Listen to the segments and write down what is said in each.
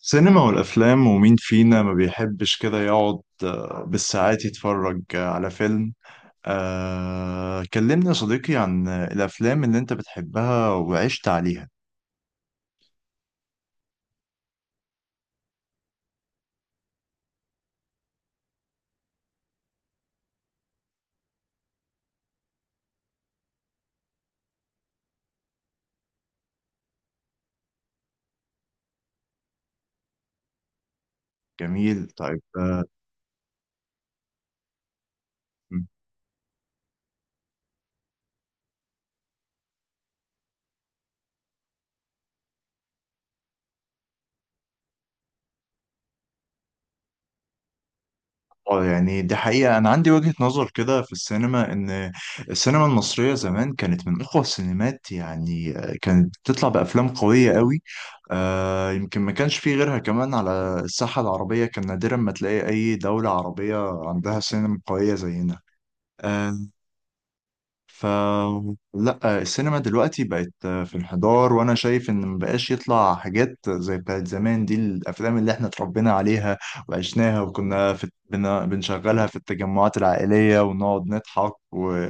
سينما والأفلام، ومين فينا ما بيحبش كده يقعد بالساعات يتفرج على فيلم. كلمني يا صديقي عن الأفلام اللي أنت بتحبها وعشت عليها. جميل، طيب. اه يعني دي حقيقة، أنا عندي وجهة نظر كده في السينما، إن السينما المصرية زمان كانت من أقوى السينمات. يعني كانت بتطلع بأفلام قوية قوي. يمكن ما كانش فيه غيرها كمان على الساحة العربية. كان نادرا ما تلاقي أي دولة عربية عندها سينما قوية زينا. آه، ف لا، السينما دلوقتي بقت في انحدار، وانا شايف ان مبقاش يطلع حاجات زي بتاعت زمان. دي الافلام اللي احنا اتربينا عليها وعشناها، وكنا في بنشغلها في التجمعات العائلية، ونقعد نضحك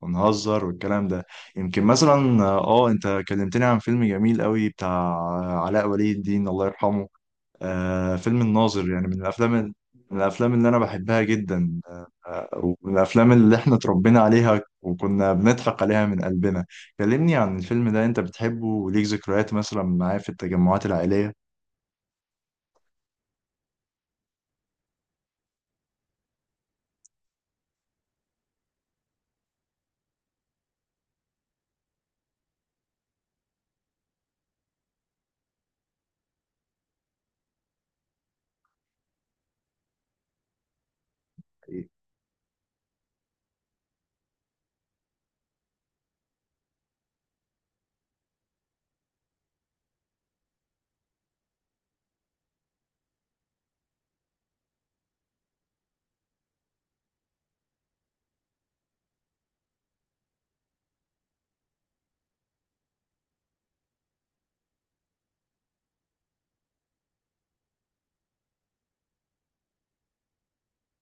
ونهزر والكلام ده. يمكن مثلا، انت كلمتني عن فيلم جميل قوي بتاع علاء ولي الدين، الله يرحمه. فيلم الناظر يعني من من الافلام اللي انا بحبها جدا. آه ومن الافلام اللي احنا اتربينا عليها وكنا بنضحك عليها من قلبنا. كلمني عن الفيلم ده، انت بتحبه وليك ذكريات مثلا معاه في التجمعات العائلية؟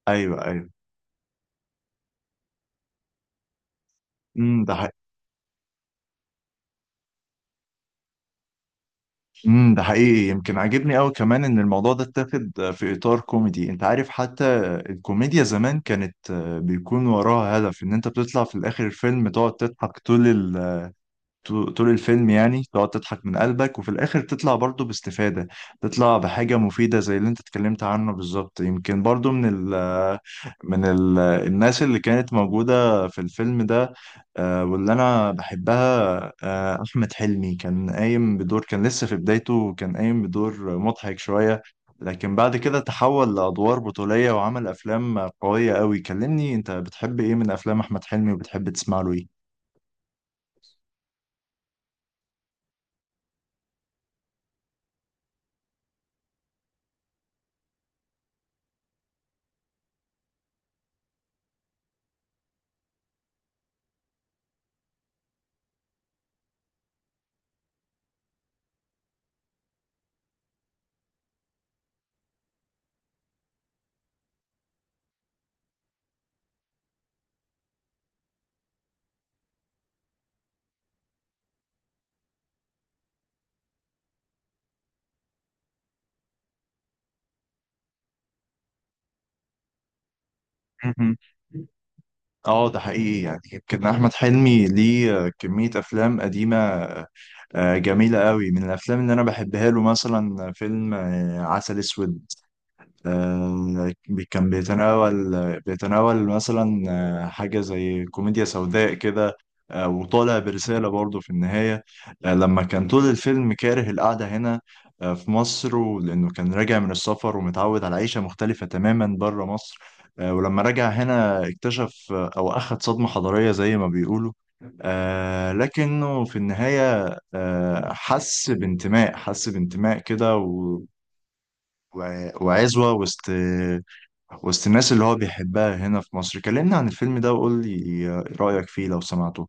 ايوه، ايوه. ده حقيقي. ده حقيقي. يمكن عاجبني قوي كمان ان الموضوع ده اتاخد في اطار كوميدي. انت عارف حتى الكوميديا زمان كانت بيكون وراها هدف، ان انت بتطلع في الاخر الفيلم تقعد تضحك طول الفيلم. يعني تقعد تضحك من قلبك، وفي الآخر تطلع برضو باستفادة، تطلع بحاجة مفيدة زي اللي انت اتكلمت عنه بالظبط. يمكن برضو ال من ال الناس اللي كانت موجودة في الفيلم ده. واللي أنا بحبها، أحمد حلمي، كان قايم بدور. كان لسه في بدايته، كان قايم بدور مضحك شوية، لكن بعد كده تحول لأدوار بطولية وعمل أفلام قوية قوي. كلمني، أنت بتحب إيه من أفلام أحمد حلمي، وبتحب تسمع له إيه؟ مهم. اه ده حقيقي. يعني يمكن احمد حلمي ليه كمية افلام قديمة جميلة قوي، من الافلام اللي انا بحبها له مثلا فيلم عسل اسود. كان بيتناول مثلا حاجة زي كوميديا سوداء كده، وطالع برسالة برضه في النهاية. لما كان طول الفيلم كاره القعدة هنا في مصر، لأنه كان راجع من السفر ومتعود على عيشة مختلفة تماما بره مصر. ولما رجع هنا اكتشف، أو أخد صدمة حضارية زي ما بيقولوا. لكنه في النهاية حس بانتماء كده، وعزوة وسط الناس اللي هو بيحبها هنا في مصر. كلمني عن الفيلم ده، وقول لي رأيك فيه لو سمعته.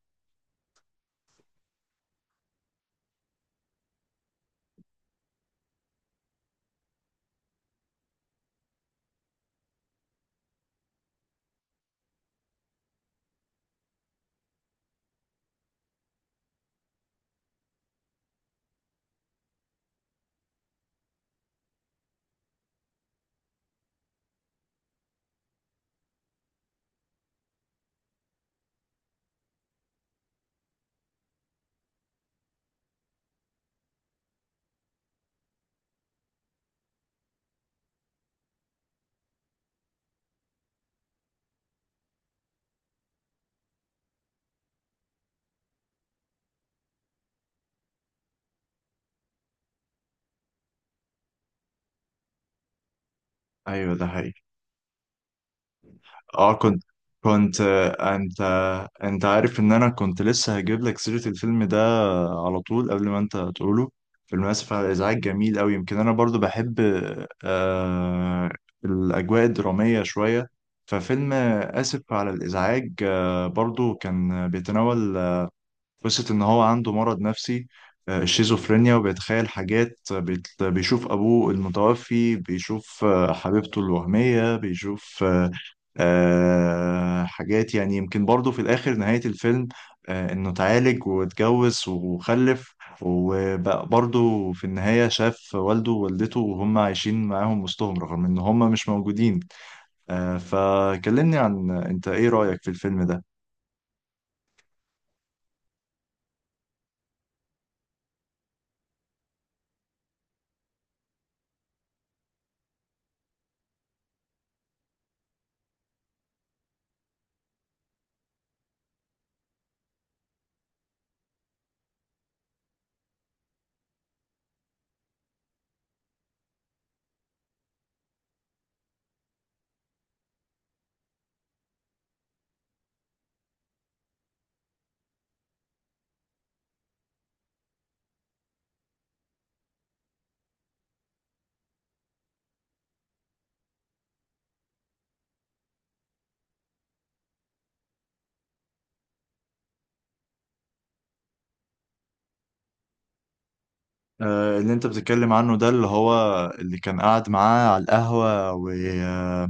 ايوه، ده حقيقي. اه كنت كنت انت عارف ان انا كنت لسه هجيب لك سيرة الفيلم ده على طول، قبل ما انت تقوله. فيلم اسف على الازعاج جميل قوي. يمكن انا برضو بحب آه الاجواء الدرامية شوية. ففيلم اسف على الازعاج برضو كان بيتناول قصة إن هو عنده مرض نفسي، الشيزوفرينيا، وبيتخيل حاجات. بيشوف أبوه المتوفي، بيشوف حبيبته الوهمية، بيشوف حاجات. يعني يمكن برضه في الآخر نهاية الفيلم إنه اتعالج واتجوز وخلف، وبقى برضه في النهاية شاف والده ووالدته وهم عايشين معاهم وسطهم، رغم إن هم مش موجودين. فكلمني عن، أنت إيه رأيك في الفيلم ده؟ اللي انت بتتكلم عنه ده، اللي هو اللي كان قاعد معاه على القهوة و... آه،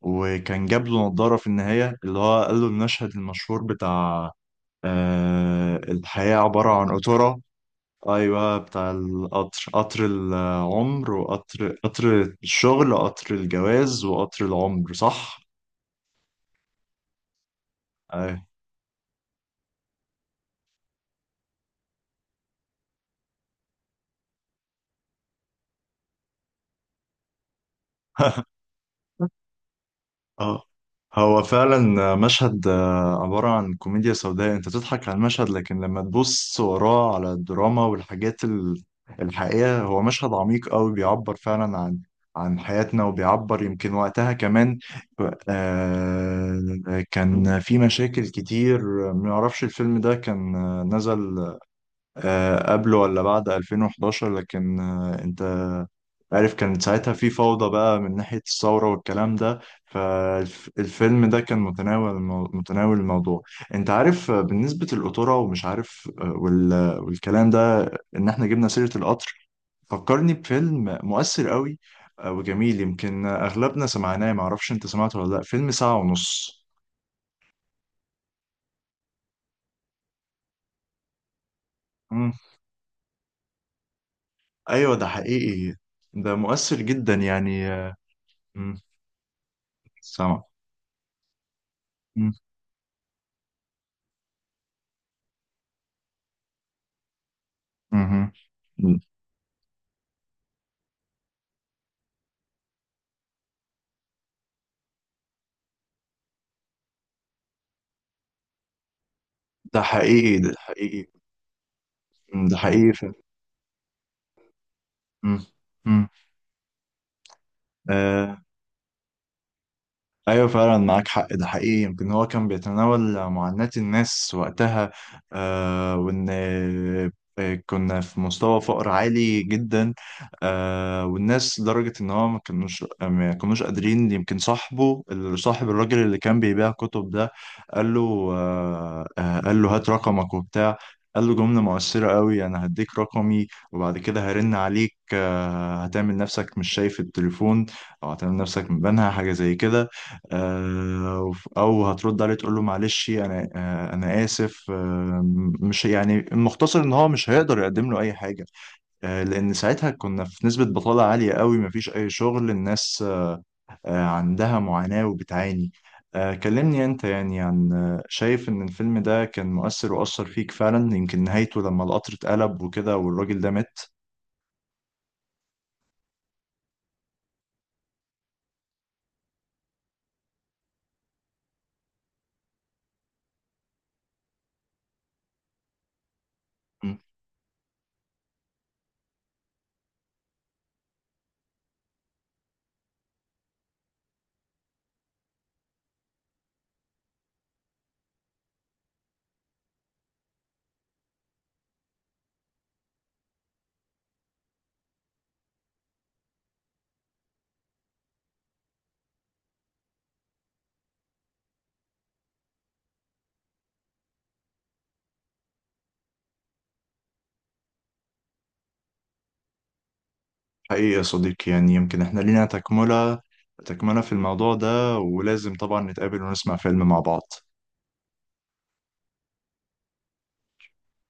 وكان جاب له نضارة في النهاية، اللي هو قال له المشهد المشهور بتاع الحياة عبارة عن قطورة. أيوة، بتاع القطر. قطر العمر، وقطر الشغل، وقطر الجواز، وقطر العمر، صح؟ أيوة. اه هو فعلا مشهد عبارة عن كوميديا سوداء. انت تضحك على المشهد، لكن لما تبص وراه على الدراما الحقيقة هو مشهد عميق قوي، بيعبر فعلا عن حياتنا، وبيعبر يمكن وقتها كمان كان في مشاكل كتير. ما اعرفش الفيلم ده كان نزل قبله ولا بعد 2011، لكن انت عارف كانت ساعتها في فوضى بقى من ناحية الثورة والكلام ده. فالفيلم ده كان متناول متناول الموضوع، انت عارف، بالنسبة للقطورة، ومش عارف والكلام ده. ان احنا جبنا سيرة القطر، فكرني بفيلم مؤثر قوي وجميل. يمكن اغلبنا سمعناه، معرفش انت سمعته ولا لا، فيلم ساعة ونص. مم. ايوه، ده حقيقي. ده مؤثر جدا يعني. مم. سامع. مم. مهم. ده حقيقي، ده حقيقي، ده حقيقي. مم. مم. آه، ايوه فعلا، معاك حق، ده حقيقي. يمكن هو كان بيتناول معاناة الناس وقتها، وان كنا في مستوى فقر عالي جدا والناس، لدرجة ان هو ما كانوش قادرين. يمكن صاحبه، صاحب الراجل اللي كان بيبيع كتب ده، قال له قال له هات رقمك وبتاع. قال له جملة مؤثرة قوي: انا هديك رقمي، وبعد كده هرن عليك، هتعمل نفسك مش شايف التليفون، او هتعمل نفسك مبانها حاجة زي كده، او هترد عليه تقول له معلش انا، انا اسف. مش يعني، المختصر ان هو مش هيقدر يقدم له اي حاجه. لان ساعتها كنا في نسبه بطاله عاليه قوي، مفيش اي شغل. الناس عندها معاناه وبتعاني. كلمني انت، يعني عن شايف ان الفيلم ده كان مؤثر واثر فيك فعلا، يمكن نهايته لما القطر اتقلب وكده والراجل ده مات. حقيقي يا صديقي، يعني يمكن احنا لينا تكملة في الموضوع ده، ولازم طبعا نتقابل ونسمع فيلم مع بعض.